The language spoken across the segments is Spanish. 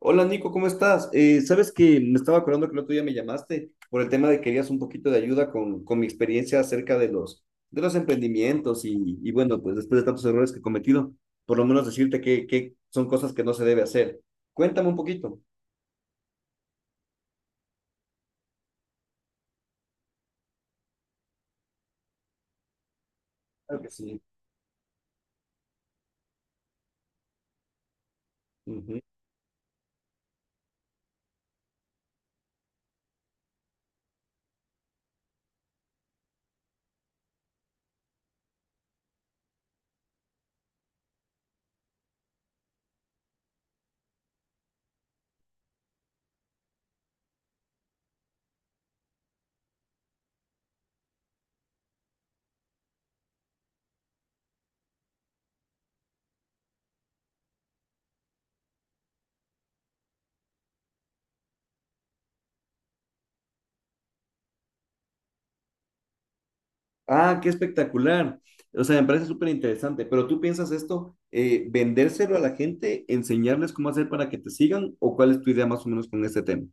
Hola Nico, ¿cómo estás? Sabes que me estaba acordando que el otro día me llamaste por el tema de que querías un poquito de ayuda con mi experiencia acerca de los emprendimientos y bueno, pues después de tantos errores que he cometido, por lo menos decirte que son cosas que no se debe hacer. Cuéntame un poquito. Claro que sí. Ujú. Ah, qué espectacular. O sea, me parece súper interesante, pero ¿tú piensas esto, vendérselo a la gente, enseñarles cómo hacer para que te sigan o cuál es tu idea más o menos con este tema?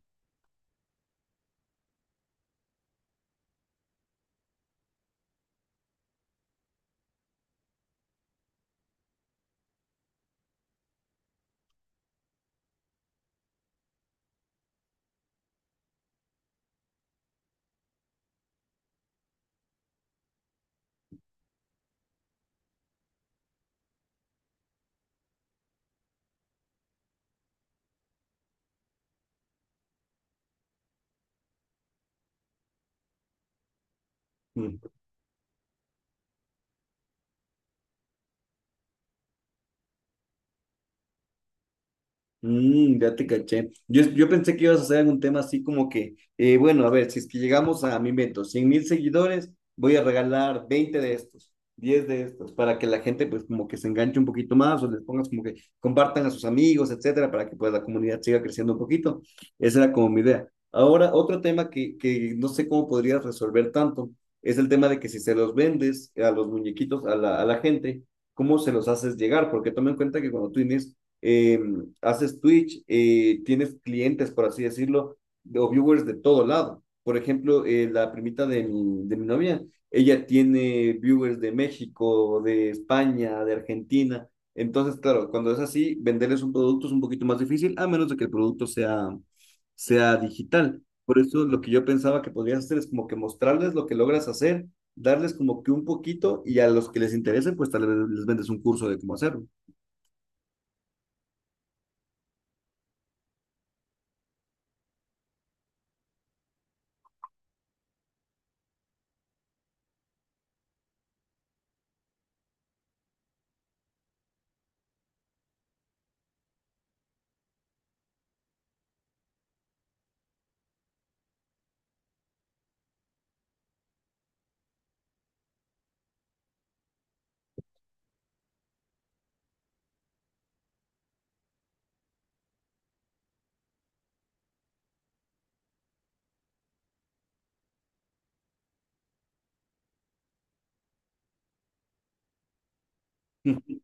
Mm, ya te caché. Yo pensé que ibas a hacer algún tema así como que, bueno, a ver, si es que llegamos a mi invento, 100.000 seguidores, voy a regalar 20 de estos, 10 de estos, para que la gente pues como que se enganche un poquito más o les pongas como que compartan a sus amigos, etcétera, para que pues la comunidad siga creciendo un poquito. Esa era como mi idea. Ahora, otro tema que no sé cómo podrías resolver tanto es el tema de que si se los vendes a los muñequitos, a la gente, ¿cómo se los haces llegar? Porque toma en cuenta que cuando tú eh, haces Twitch, tienes clientes, por así decirlo, o viewers de todo lado. Por ejemplo, la primita de mi novia, ella tiene viewers de México, de España, de Argentina. Entonces, claro, cuando es así, venderles un producto es un poquito más difícil, a menos de que el producto sea digital. Por eso lo que yo pensaba que podrías hacer es como que mostrarles lo que logras hacer, darles como que un poquito y a los que les interese, pues tal vez les vendes un curso de cómo hacerlo.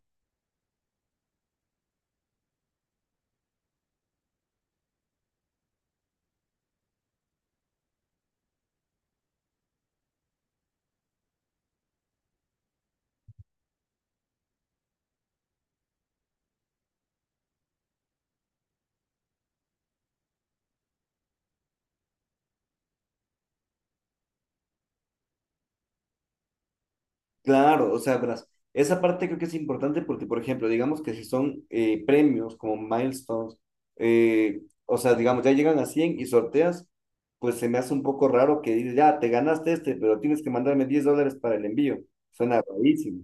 Claro, o sea, verás, esa parte creo que es importante porque, por ejemplo, digamos que si son premios como milestones, o sea, digamos, ya llegan a 100 y sorteas, pues se me hace un poco raro que digas, ya, te ganaste este, pero tienes que mandarme $10 para el envío. Suena rarísimo.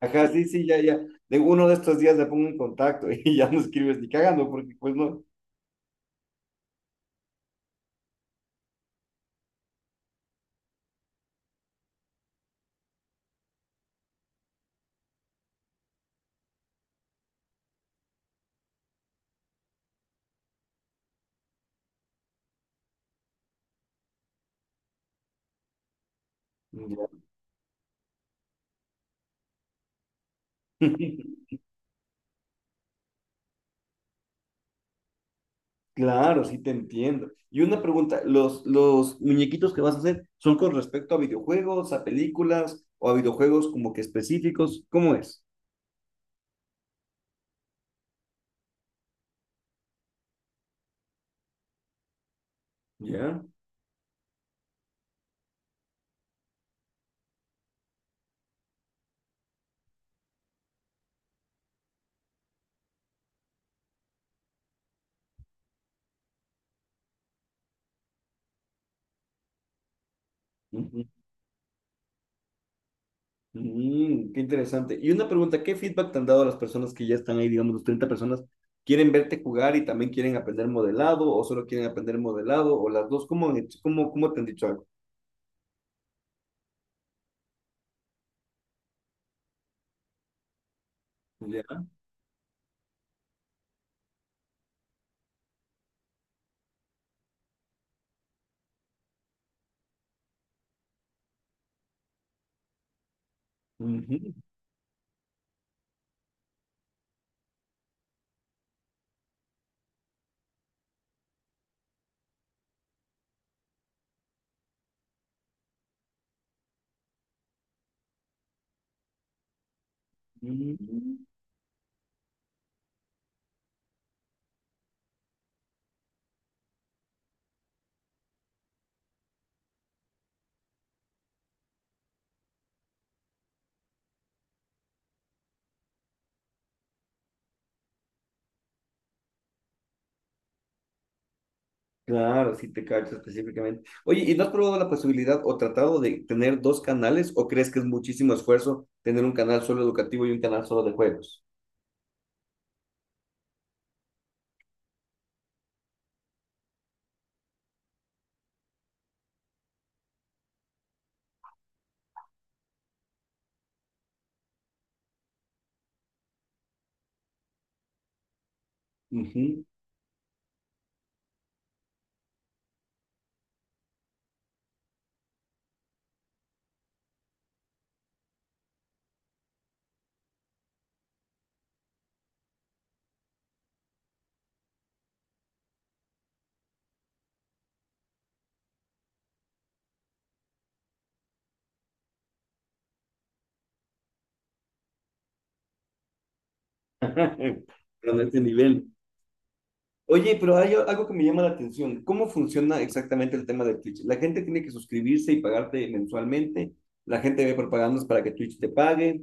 Ajá, sí, sí, ya. De uno de estos días le pongo en contacto y ya no escribes ni cagando porque pues no. Ya. Claro, sí te entiendo. Y una pregunta, los muñequitos que vas a hacer son con respecto a videojuegos, a películas o a videojuegos como que específicos? ¿Cómo es? ¿Ya? Ujú. Mm, qué interesante. Y una pregunta, ¿qué feedback te han dado las personas que ya están ahí, digamos, los 30 personas? ¿Quieren verte jugar y también quieren aprender modelado o solo quieren aprender modelado o las dos? ¿Cómo, cómo, cómo te han dicho algo? ¿Ya? Ujú. Claro, sí te cacho específicamente. Oye, ¿y no has probado la posibilidad o tratado de tener dos canales o crees que es muchísimo esfuerzo tener un canal solo educativo y un canal solo de juegos? Ujú. Pero de este nivel. Oye, pero hay algo que me llama la atención. ¿Cómo funciona exactamente el tema de Twitch? ¿La gente tiene que suscribirse y pagarte mensualmente? ¿La gente ve propagandas para que Twitch te pague?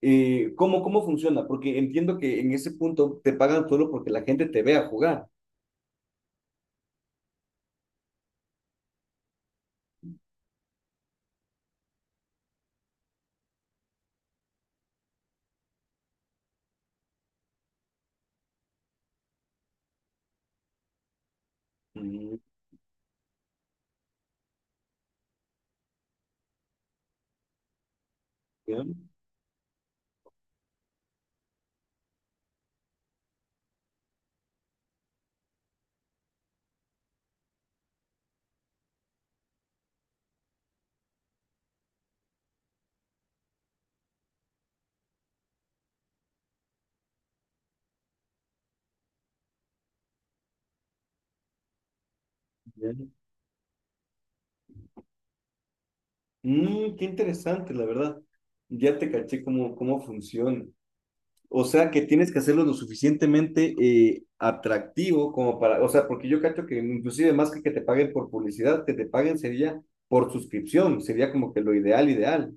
Cómo funciona? Porque entiendo que en ese punto te pagan solo porque la gente te vea jugar. Mm, ya, ya. Mm, qué interesante, la verdad. Ya te caché cómo funciona. O sea, que tienes que hacerlo lo suficientemente atractivo como para, o sea, porque yo cacho que inclusive más que te paguen por publicidad, que te paguen sería por suscripción, sería como que lo ideal, ideal.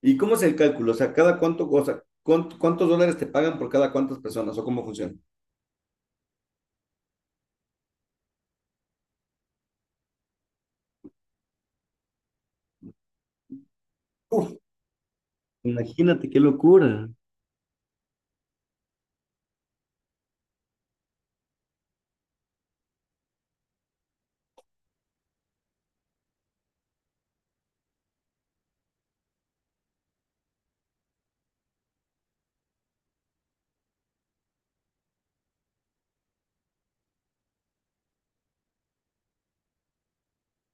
¿Y cómo es el cálculo? O sea, cada cuánto, o sea, ¿cuántos dólares te pagan por cada cuántas personas o cómo funciona? Uf, imagínate qué locura.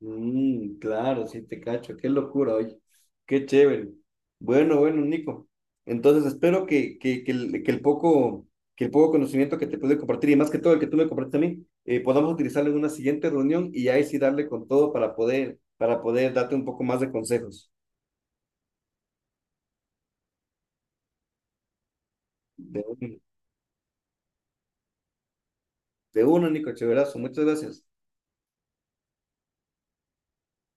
Mm, claro, sí te cacho, qué locura, oye, qué chévere. Bueno, bueno, Nico. Entonces espero que el poco conocimiento que te pude compartir y más que todo el que tú me compartiste a mí, podamos utilizarlo en una siguiente reunión y ahí sí darle con todo para poder darte un poco más de consejos. De uno, de uno, Nico, chéverazo, muchas gracias.